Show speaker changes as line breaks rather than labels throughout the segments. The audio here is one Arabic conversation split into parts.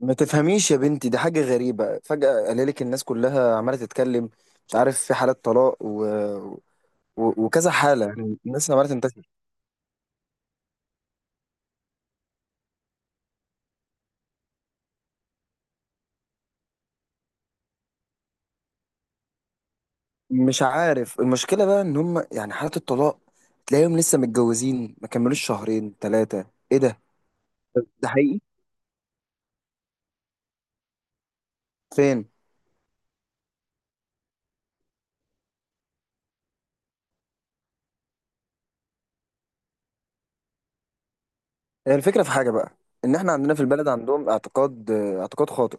ما تفهميش يا بنتي، دي حاجة غريبة. فجأة قاللك الناس كلها عمالة تتكلم. مش عارف، في حالات طلاق وكذا حالة، يعني الناس عمالة تنتشر. مش عارف المشكلة بقى إن هم يعني حالات الطلاق تلاقيهم لسه متجوزين ما كملوش شهرين ثلاثة. إيه ده؟ ده حقيقي؟ فين؟ هي الفكرة في حاجة بقى، إن إحنا عندنا في البلد عندهم اعتقاد خاطئ.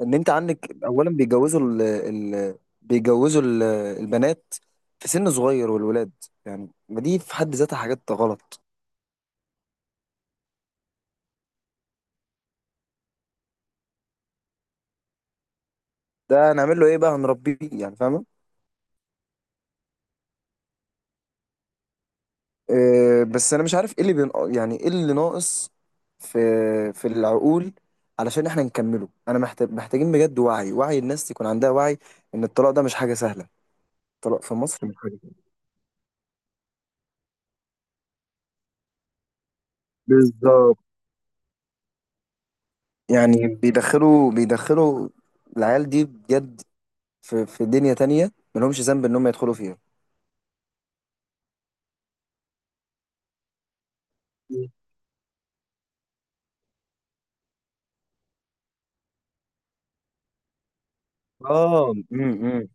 ان انت عندك اولا بيجوزوا ال ال بيجوزوا ال البنات في سن صغير والولاد. يعني ما دي في حد ذاتها حاجات غلط. ده هنعمل له ايه بقى؟ هنربيه يعني، فاهمه؟ أه، بس انا مش عارف ايه اللي بين، يعني ايه اللي ناقص في العقول علشان احنا نكمله. انا محتاجين بجد وعي، وعي الناس يكون عندها وعي ان الطلاق ده مش حاجه سهله. الطلاق في مصر مش حاجه سهلة. بالظبط. يعني بيدخلوا العيال دي بجد في دنيا تانية ملهمش ذنب ان هم يدخلوا فيها. اه، إمم.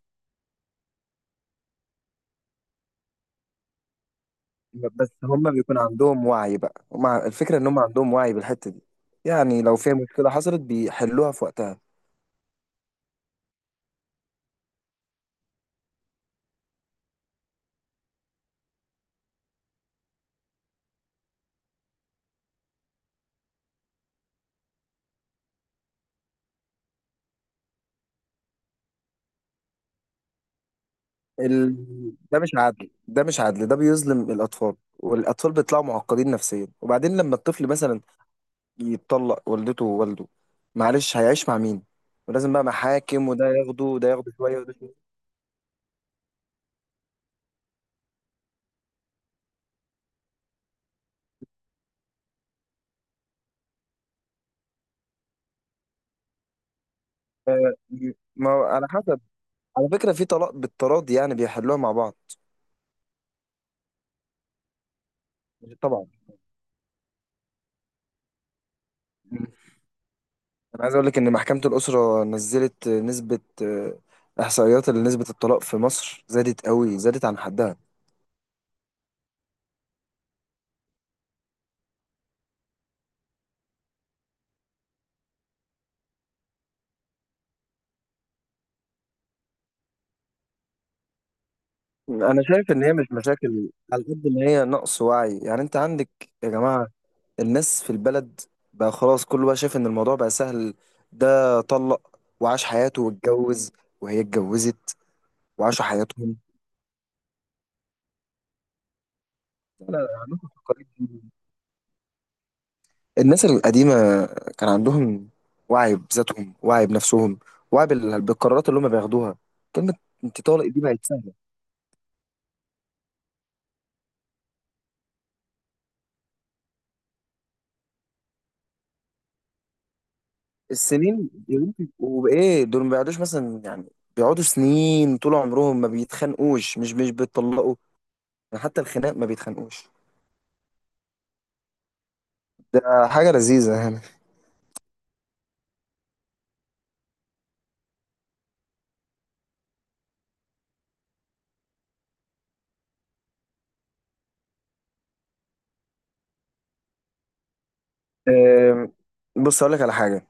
بس هم بيكون عندهم وعي بقى. هم الفكرة ان هم عندهم وعي بالحتة دي. يعني لو في مشكلة حصلت بيحلوها في وقتها. ال... ده مش عدل، ده مش عدل، ده بيظلم الأطفال. والأطفال بيطلعوا معقدين نفسيا. وبعدين لما الطفل مثلا يتطلق والدته ووالده، معلش هيعيش مع مين؟ ولازم بقى محاكم، وده ياخده وده ياخده شوية وده شوية. آه، ما هو على حسب. على فكرة في طلاق بالتراضي، يعني بيحلوها مع بعض. طبعا. مم. انا عايز اقول لك ان محكمة الأسرة نزلت نسبة، احصائيات لنسبة الطلاق في مصر، زادت قوي، زادت عن حدها. انا شايف ان هي مش مشاكل على قد ما هي نقص وعي. يعني انت عندك يا جماعة، الناس في البلد بقى خلاص، كله بقى شايف ان الموضوع بقى سهل. ده طلق وعاش حياته واتجوز، وهي اتجوزت وعاشوا حياتهم. لا لا لا، عندكم في القريب الناس القديمة كان عندهم وعي بذاتهم، وعي بنفسهم، وعي بالقرارات اللي هم بياخدوها. كلمة انت طالق دي بقت سهلة. السنين يا بنتي، وبايه دول ما بيقعدوش مثلا، يعني بيقعدوا سنين طول عمرهم ما بيتخانقوش، مش بيتطلقوا. يعني حتى الخناق ما بيتخانقوش. ده حاجة لذيذة يعني. أم، بص أقول لك على حاجة.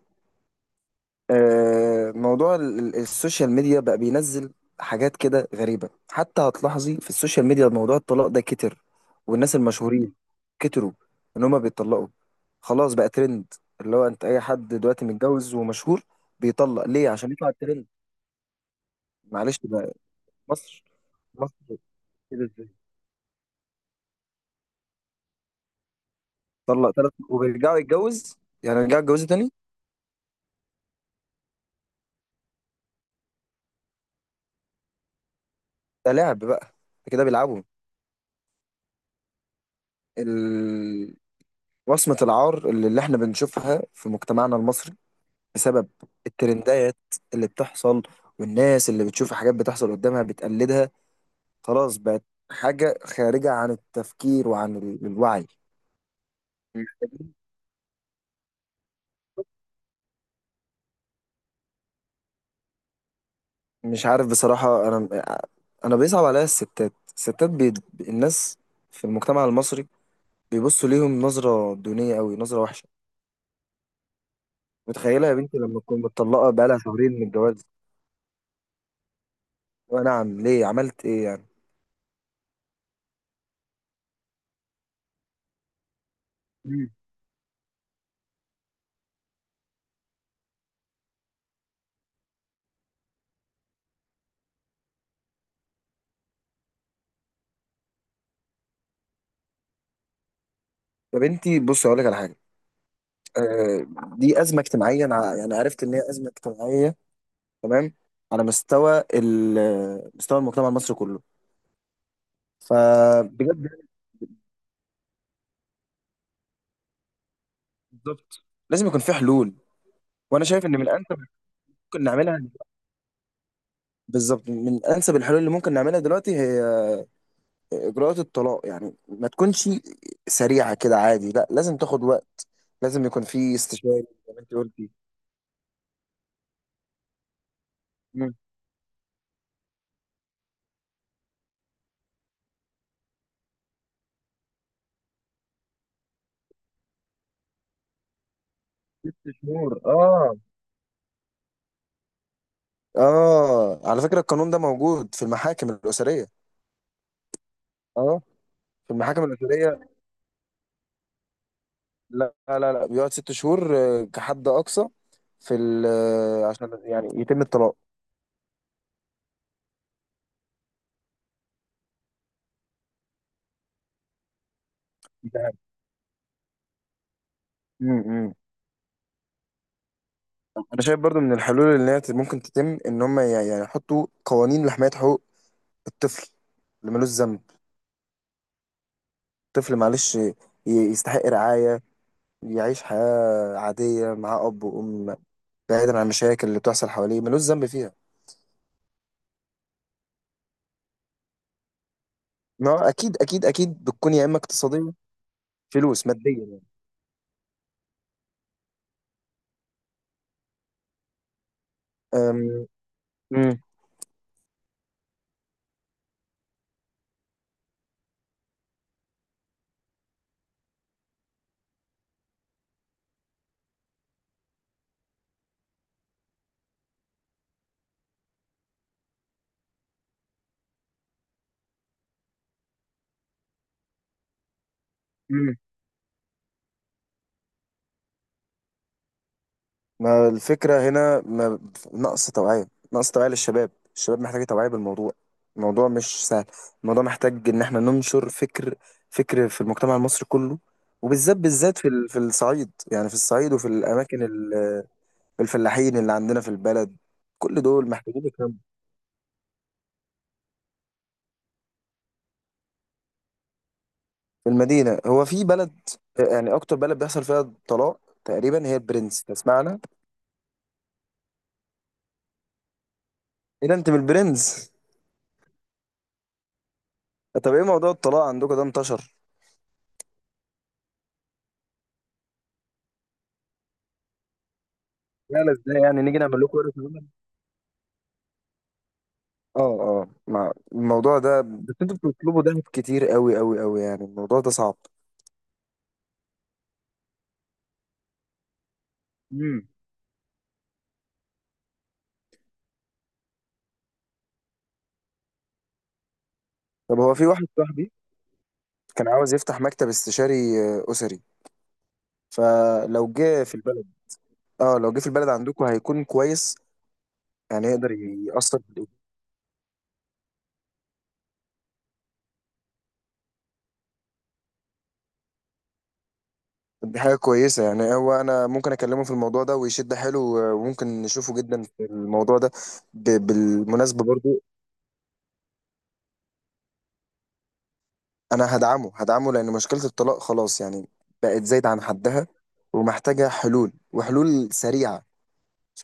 موضوع السوشيال ميديا بقى بينزل حاجات كده غريبة. حتى هتلاحظي في السوشيال ميديا موضوع الطلاق ده كتر. والناس المشهورين كتروا ان هما بيتطلقوا. خلاص بقى ترند، اللي هو انت اي حد دلوقتي متجوز ومشهور بيطلق ليه عشان يطلع الترند. معلش بقى. مصر، مصر، كده ازاي؟ طلق ثلاث وبيرجعوا يتجوز، يعني يرجعوا يتجوزوا تاني. ده لعب بقى، كده بيلعبوا. ال... وصمة العار اللي احنا بنشوفها في مجتمعنا المصري بسبب الترندات اللي بتحصل، والناس اللي بتشوف حاجات بتحصل قدامها بتقلدها. خلاص بقت حاجة خارجة عن التفكير وعن الوعي. مش عارف بصراحة. أنا بيصعب عليا الستات، الناس في المجتمع المصري بيبصوا ليهم نظرة دونية أوي، نظرة وحشة. متخيلة يا بنتي لما تكون متطلقة بقالها شهرين من الجواز؟ أه نعم، ليه، عملت إيه يعني؟ مم. يا بنتي بصي أقول لك على حاجة. آه، دي أزمة اجتماعية. أنا يعني عرفت إن هي أزمة اجتماعية، تمام، على مستوى مستوى المجتمع المصري كله. فبجد. بالظبط، لازم يكون في حلول. وانا شايف ان من انسب اللي ممكن نعملها، بالظبط، من انسب الحلول اللي ممكن نعملها دلوقتي هي اجراءات الطلاق. يعني ما تكونش سريعه كده عادي، لا لازم تاخد وقت، لازم يكون في استشاري زي ما انت قلتي. مم. 6 شهور، اه. اه على فكره القانون ده موجود في المحاكم الاسريه. اه، في المحاكم الاسريه. لا لا لا، بيقعد 6 شهور كحد أقصى في ال عشان يعني يتم الطلاق. ده امم. أنا شايف برضو من الحلول اللي هي ممكن تتم إن هم يعني يحطوا قوانين لحماية حقوق الطفل اللي ملوش ذنب. الطفل معلش يستحق رعاية، يعيش حياة عادية مع أب وأم، بعيدا عن المشاكل اللي بتحصل حواليه ملوش ذنب فيها. ما هو أكيد أكيد أكيد بتكون يا إما اقتصادية، فلوس مادية يعني. أم، مم. ما الفكرة هنا، ما نقص توعية، نقص توعية للشباب. الشباب محتاجة توعية بالموضوع. الموضوع مش سهل. الموضوع محتاج إن احنا ننشر فكر، فكر في المجتمع المصري كله. وبالذات بالذات في في الصعيد، يعني في الصعيد وفي الأماكن الفلاحين اللي عندنا في البلد، كل دول محتاجين يفهموا. في المدينة هو في بلد، يعني أكتر بلد بيحصل فيها طلاق تقريبا هي البرنس، تسمعنا؟ إيه ده، أنت من البرنس؟ طب إيه موضوع الطلاق عندكم ده انتشر؟ لا لا، ازاي يعني نيجي نعمل لكم؟ اه اه، ما الموضوع ده بس انتوا بتطلبوا دهب كتير، قوي قوي قوي، يعني الموضوع ده صعب. امم. طب هو في واحد صاحبي كان عاوز يفتح مكتب استشاري أسري. فلو جه في البلد، اه لو جه في البلد عندكم هيكون كويس يعني، يقدر يأثر في الإيه. دي حاجة كويسة يعني. هو أنا ممكن أكلمه في الموضوع ده ويشد حيله. وممكن نشوفه جدا في الموضوع ده. بالمناسبة برضو، انا هدعمه هدعمه لان مشكله الطلاق خلاص يعني بقت زايده عن حدها، ومحتاجه حلول، وحلول سريعه،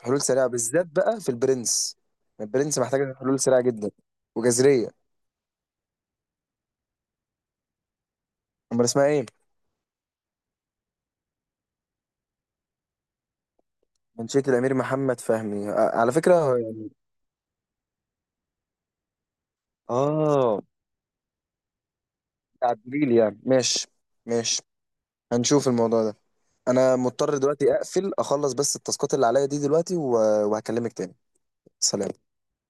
حلول سريعه بالذات بقى في البرنس. البرنس محتاجه حلول سريعه جدا وجذريه. امال اسمها ايه؟ منشيه الامير محمد فهمي، على فكره. اه، تعديل يعني. ماشي، ماشي، هنشوف الموضوع ده. انا مضطر دلوقتي اقفل اخلص بس التاسكات اللي عليا دي دلوقتي وهكلمك تاني. سلام.